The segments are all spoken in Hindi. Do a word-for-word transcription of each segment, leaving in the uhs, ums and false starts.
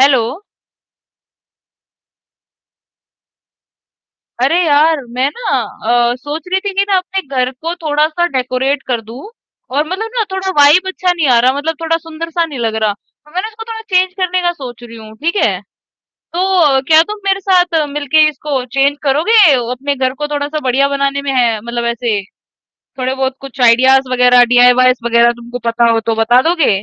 हेलो। अरे यार मैं ना अ, सोच रही थी कि ना अपने घर को थोड़ा सा डेकोरेट कर दूं। और मतलब ना थोड़ा वाइब अच्छा नहीं आ रहा, मतलब थोड़ा सुंदर सा नहीं लग रहा, तो मैंने इसको थोड़ा चेंज करने का सोच रही हूँ, ठीक है? तो अ, क्या तुम मेरे साथ अ, मिलके इसको चेंज करोगे अपने घर को थोड़ा सा बढ़िया बनाने में? है मतलब ऐसे थोड़े बहुत कुछ आइडियाज वगैरह डी आई वाई स वगैरह तुमको पता हो तो बता दोगे।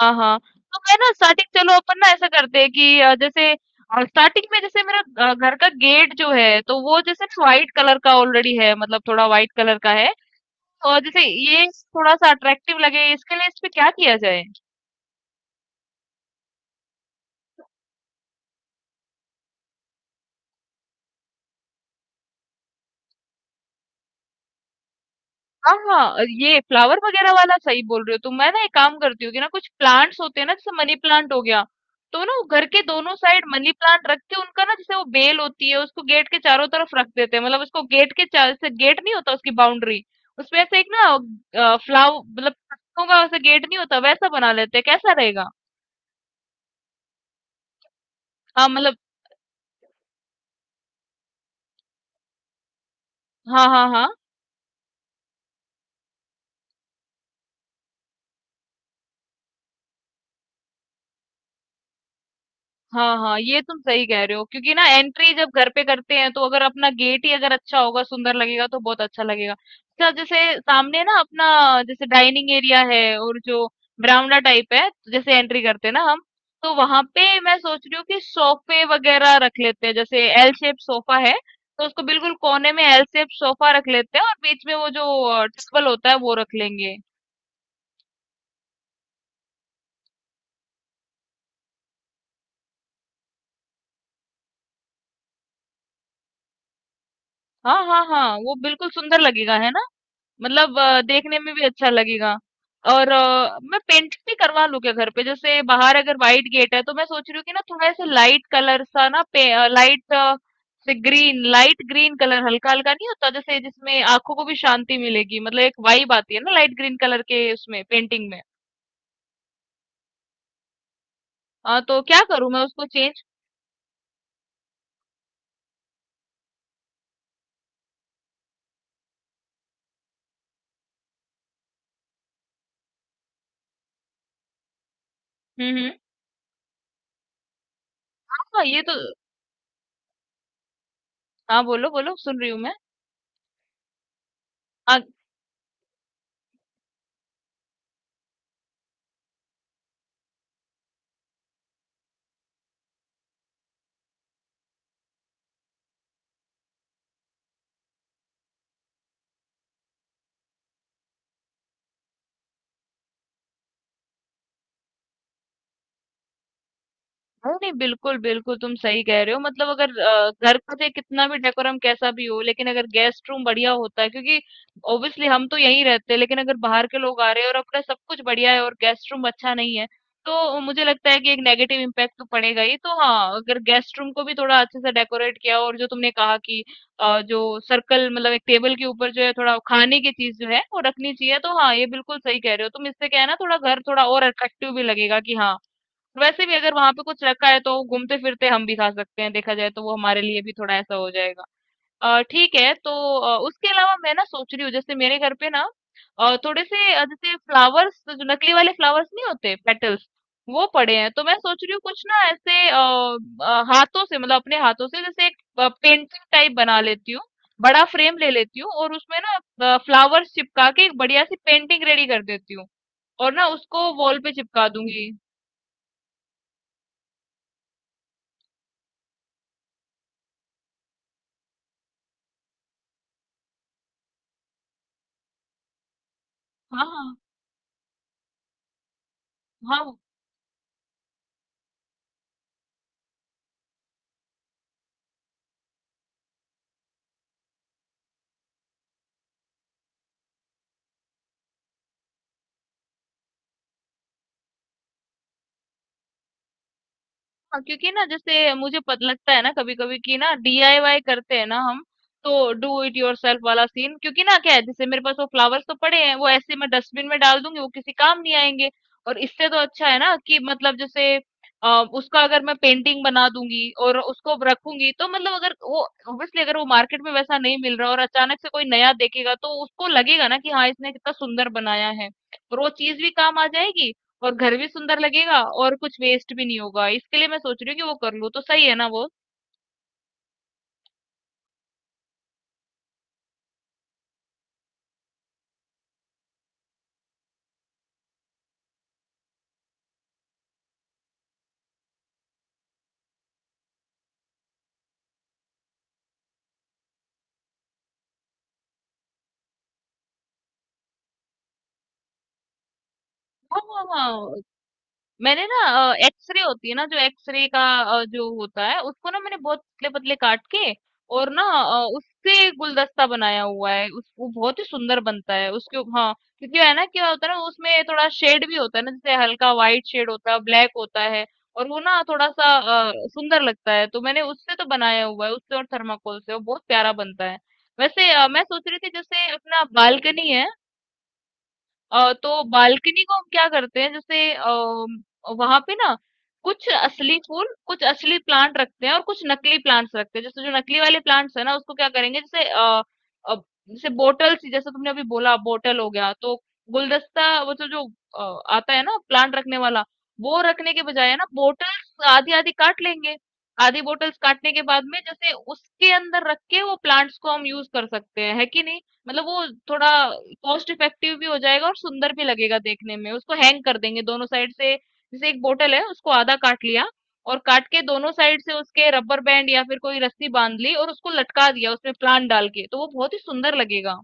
हाँ, हाँ। तो मैं ना स्टार्टिंग, चलो अपन ना ऐसा करते हैं कि अ, जैसे अ, स्टार्टिंग में जैसे मेरा अ, घर का गेट जो है तो वो जैसे ना व्हाइट कलर का ऑलरेडी है, मतलब थोड़ा व्हाइट कलर का है। और जैसे ये थोड़ा सा अट्रैक्टिव लगे इसके लिए इस पे क्या किया जाए? हाँ, हाँ, ये फ्लावर वगैरह वाला सही बोल रहे हो तुम। मैं ना एक काम करती हूँ कि ना कुछ प्लांट्स होते हैं ना जैसे मनी प्लांट हो गया, तो ना वो घर के दोनों साइड मनी प्लांट रख के उनका, ना जैसे वो बेल होती है उसको गेट के चारों तरफ रख देते हैं, मतलब उसको गेट के चार जैसे गेट नहीं होता उसकी बाउंड्री, उसमें ऐसे एक ना फ्लावर मतलब पत्तों का, वैसे गेट नहीं होता वैसा बना लेते हैं, कैसा रहेगा? हाँ मतलब, हाँ हाँ हाँ, हाँ हाँ ये तुम सही कह रहे हो क्योंकि ना एंट्री जब घर पे करते हैं तो अगर अपना गेट ही अगर अच्छा होगा, सुंदर लगेगा, तो बहुत अच्छा लगेगा। अच्छा जैसे सामने ना अपना जैसे डाइनिंग एरिया है और जो बरामदा टाइप है, तो जैसे एंट्री करते हैं ना हम, तो वहां पे मैं सोच रही हूँ कि सोफे वगैरह रख लेते हैं, जैसे एल शेप सोफा है तो उसको बिल्कुल कोने में एल शेप सोफा रख लेते हैं और बीच में वो जो टेबल होता है वो रख लेंगे। हाँ हाँ हाँ, वो बिल्कुल सुंदर लगेगा, है ना? मतलब अ, देखने में भी अच्छा लगेगा। और अ, मैं पेंट भी करवा लूं क्या घर पे? जैसे बाहर अगर वाइट गेट है तो मैं सोच रही हूँ कि ना थोड़ा ऐसे लाइट कलर सा ना पे, लाइट से ग्रीन, लाइट ग्रीन कलर हल्का हल्का नहीं होता जैसे, जिसमें आंखों को भी शांति मिलेगी, मतलब एक वाइब आती है ना लाइट ग्रीन कलर के उसमें, पेंटिंग में। हाँ तो क्या करूं मैं उसको चेंज? हम्म हम्म हाँ ये तो, हाँ बोलो बोलो सुन रही हूँ मैं। नहीं, नहीं, बिल्कुल, बिल्कुल तुम सही कह रहे हो। मतलब अगर अ, घर का चाहे कितना भी डेकोरम कैसा भी हो, लेकिन अगर गेस्ट रूम बढ़िया होता है, क्योंकि ऑब्वियसली हम तो यहीं रहते हैं, लेकिन अगर बाहर के लोग आ रहे हैं और अपना सब कुछ बढ़िया है और गेस्ट रूम अच्छा नहीं है, तो मुझे लगता है कि एक नेगेटिव इम्पैक्ट तो पड़ेगा ही। तो हाँ, अगर गेस्ट रूम को भी थोड़ा अच्छे से डेकोरेट किया, और जो तुमने कहा कि अ, जो सर्कल, मतलब एक टेबल के ऊपर जो है थोड़ा खाने की चीज जो है वो रखनी चाहिए, तो हाँ ये बिल्कुल सही कह रहे हो तुम। इससे क्या है ना, थोड़ा घर थोड़ा और अट्रैक्टिव भी लगेगा कि हाँ, वैसे भी अगर वहां पे कुछ रखा है तो घूमते फिरते हम भी खा सकते हैं, देखा जाए तो वो हमारे लिए भी थोड़ा ऐसा हो जाएगा। अ, ठीक है तो अ, उसके अलावा मैं ना सोच रही हूँ जैसे मेरे घर पे ना अ, थोड़े से अ, जैसे फ्लावर्स, जो नकली वाले फ्लावर्स नहीं होते, पेटल्स वो पड़े हैं, तो मैं सोच रही हूँ कुछ ना ऐसे, अ, अ, हाथों से मतलब अपने हाथों से जैसे एक पेंटिंग टाइप बना लेती हूँ, बड़ा फ्रेम ले लेती हूँ और उसमें ना फ्लावर्स चिपका के एक बढ़िया सी पेंटिंग रेडी कर देती हूँ और ना उसको वॉल पे चिपका दूंगी। हाँ हाँ हाँ, हाँ, क्योंकि ना जैसे मुझे पत लगता है ना कभी कभी कि ना डी आई वाई करते हैं ना हम, तो डू इट योरसेल्फ वाला सीन, क्योंकि ना क्या है जैसे मेरे पास वो फ्लावर्स तो पड़े हैं, वो ऐसे मैं डस्टबिन में डाल दूंगी वो किसी काम नहीं आएंगे, और इससे तो अच्छा है ना कि मतलब जैसे अ, उसका अगर मैं पेंटिंग बना दूंगी और उसको रखूंगी, तो मतलब अगर वो, ऑब्वियसली अगर वो मार्केट में वैसा नहीं मिल रहा और अचानक से कोई नया देखेगा तो उसको लगेगा ना कि हाँ इसने कितना सुंदर बनाया है, और वो चीज भी काम आ जाएगी, और घर भी सुंदर लगेगा और कुछ वेस्ट भी नहीं होगा। इसके लिए मैं सोच रही हूँ कि वो कर लूँ, तो सही है ना वो? हाँ हाँ हाँ, मैंने ना अ, एक्स रे होती है ना, जो एक्स रे का अ, जो होता है उसको ना मैंने बहुत पतले पतले काट के और ना अ, उससे गुलदस्ता बनाया हुआ है, उस वो बहुत ही सुंदर बनता है उसके उप- हाँ, क्योंकि है ना क्या होता है ना उसमें थोड़ा शेड भी होता है ना, जैसे हल्का व्हाइट शेड होता है, ब्लैक होता है, और वो ना थोड़ा सा अ, सुंदर लगता है। तो मैंने उससे तो बनाया हुआ है उससे, और थर्माकोल से वो बहुत प्यारा बनता है। वैसे अ, मैं सोच रही थी जैसे अपना बालकनी है, अ, तो बालकनी को हम क्या करते हैं जैसे आ, वहां पे ना कुछ असली फूल कुछ असली प्लांट रखते हैं और कुछ नकली प्लांट्स रखते हैं, जैसे जो नकली वाले प्लांट्स है ना उसको क्या करेंगे, जैसे अ, अ, जैसे बोटल सी, जैसे तुमने अभी बोला बोटल हो गया, तो गुलदस्ता, वो जो जो अ, आता है ना प्लांट रखने वाला, वो रखने के बजाय है ना बोटल्स आधी आधी काट लेंगे, आधी बोटल्स काटने के बाद में जैसे उसके अंदर रख के वो प्लांट्स को हम यूज कर सकते हैं, है कि नहीं? मतलब वो थोड़ा कॉस्ट इफेक्टिव भी हो जाएगा और सुंदर भी लगेगा देखने में। उसको हैंग कर देंगे दोनों साइड से, जैसे एक बोतल है उसको आधा काट लिया और काट के दोनों साइड से उसके रबर बैंड या फिर कोई रस्सी बांध ली और उसको लटका दिया उसमें प्लांट डाल के, तो वो बहुत ही सुंदर लगेगा।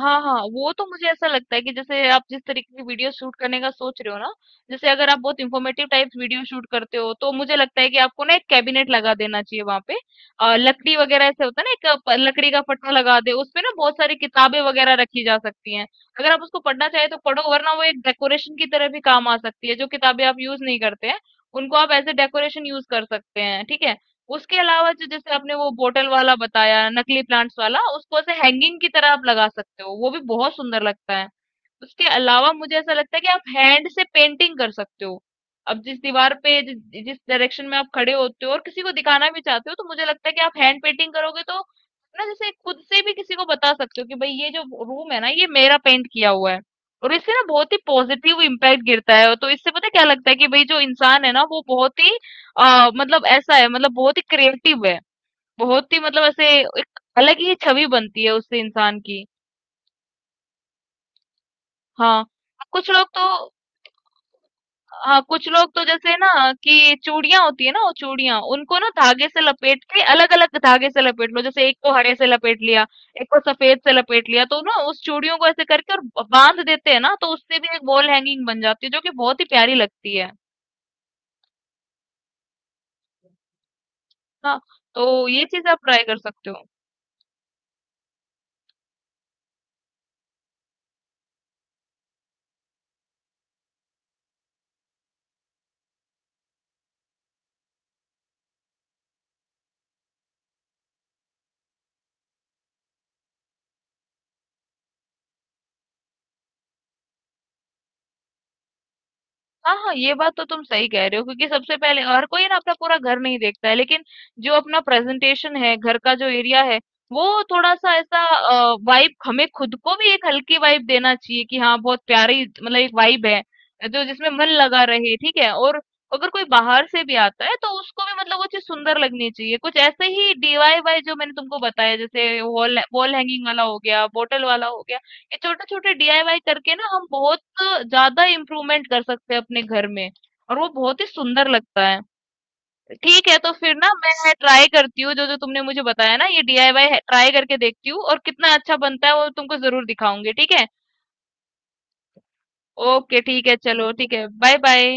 हाँ हाँ, वो तो मुझे ऐसा लगता है कि जैसे आप जिस तरीके की वीडियो शूट करने का सोच रहे हो ना, जैसे अगर आप बहुत इंफॉर्मेटिव टाइप वीडियो शूट करते हो तो मुझे लगता है कि आपको ना एक कैबिनेट लगा देना चाहिए वहां पे, अ, लकड़ी वगैरह ऐसे होता है ना, एक प- लकड़ी का पट्टा लगा दे, उसपे ना बहुत सारी किताबें वगैरह रखी जा सकती हैं। अगर आप उसको पढ़ना चाहे तो पढ़ो, वरना वो एक डेकोरेशन की तरह भी काम आ सकती है। जो किताबें आप यूज नहीं करते हैं उनको आप एज ए डेकोरेशन यूज कर सकते हैं, ठीक है? उसके अलावा जो जैसे आपने वो बोटल वाला बताया नकली प्लांट्स वाला, उसको ऐसे हैंगिंग की तरह आप लगा सकते हो, वो भी बहुत सुंदर लगता है। उसके अलावा मुझे ऐसा लगता है कि आप हैंड से पेंटिंग कर सकते हो। अब जिस दीवार पे, जिस जिस डायरेक्शन में आप खड़े होते हो और किसी को दिखाना भी चाहते हो, तो मुझे लगता है कि आप हैंड पेंटिंग करोगे तो ना, जैसे खुद से भी किसी को बता सकते हो कि भाई ये जो रूम है ना ये मेरा पेंट किया हुआ है, और इससे ना बहुत ही पॉजिटिव इम्पैक्ट गिरता है। तो इससे पता है क्या लगता है कि भाई जो इंसान है ना वो बहुत ही आ, मतलब ऐसा है, मतलब बहुत ही क्रिएटिव है, बहुत ही, मतलब ऐसे एक अलग ही छवि बनती है उससे इंसान की। हाँ कुछ लोग तो, हाँ कुछ लोग तो जैसे ना, कि चूड़ियां होती है ना, वो चूड़ियां उनको ना धागे से लपेट के, अलग अलग धागे से लपेट लो, जैसे एक को हरे से लपेट लिया, एक को सफेद से लपेट लिया, तो ना उस चूड़ियों को ऐसे करके और बांध देते हैं ना, तो उससे भी एक वॉल हैंगिंग बन जाती है जो कि बहुत ही प्यारी लगती है। हाँ, तो ये चीज आप ट्राई कर सकते हो। हाँ, हाँ, ये बात तो तुम सही कह रहे हो, क्योंकि सबसे पहले हर कोई ना अपना पूरा घर नहीं देखता है, लेकिन जो अपना प्रेजेंटेशन है, घर का जो एरिया है, वो थोड़ा-सा ऐसा अ, वाइब, हमें खुद को भी एक हल्की वाइब देना चाहिए कि हाँ, बहुत प्यारी, मतलब एक वाइब है, जो जिसमें मन लगा रहे, ठीक है? और अगर कोई बाहर से भी आता है तो उसको भी मतलब वो चीज़ सुंदर लगनी चाहिए। कुछ ऐसे ही डी आई वाई जो मैंने तुमको बताया, जैसे वॉल, वॉल हैंगिंग वाला हो गया, बॉटल वाला हो गया। ये छोटे-छोटे डी आई वाई करके ना हम बहुत ज्यादा इम्प्रूवमेंट कर सकते हैं अपने घर में, और वो बहुत ही सुंदर लगता है। ठीक है, तो फिर ना मैं ट्राई करती हूँ जो जो तुमने मुझे बताया ना, ये डी आई वाई ट्राई करके देखती हूँ, और कितना अच्छा बनता है वो तुमको जरूर दिखाऊंगी, ठीक है? ओके ठीक है, चलो ठीक है, बाय बाय।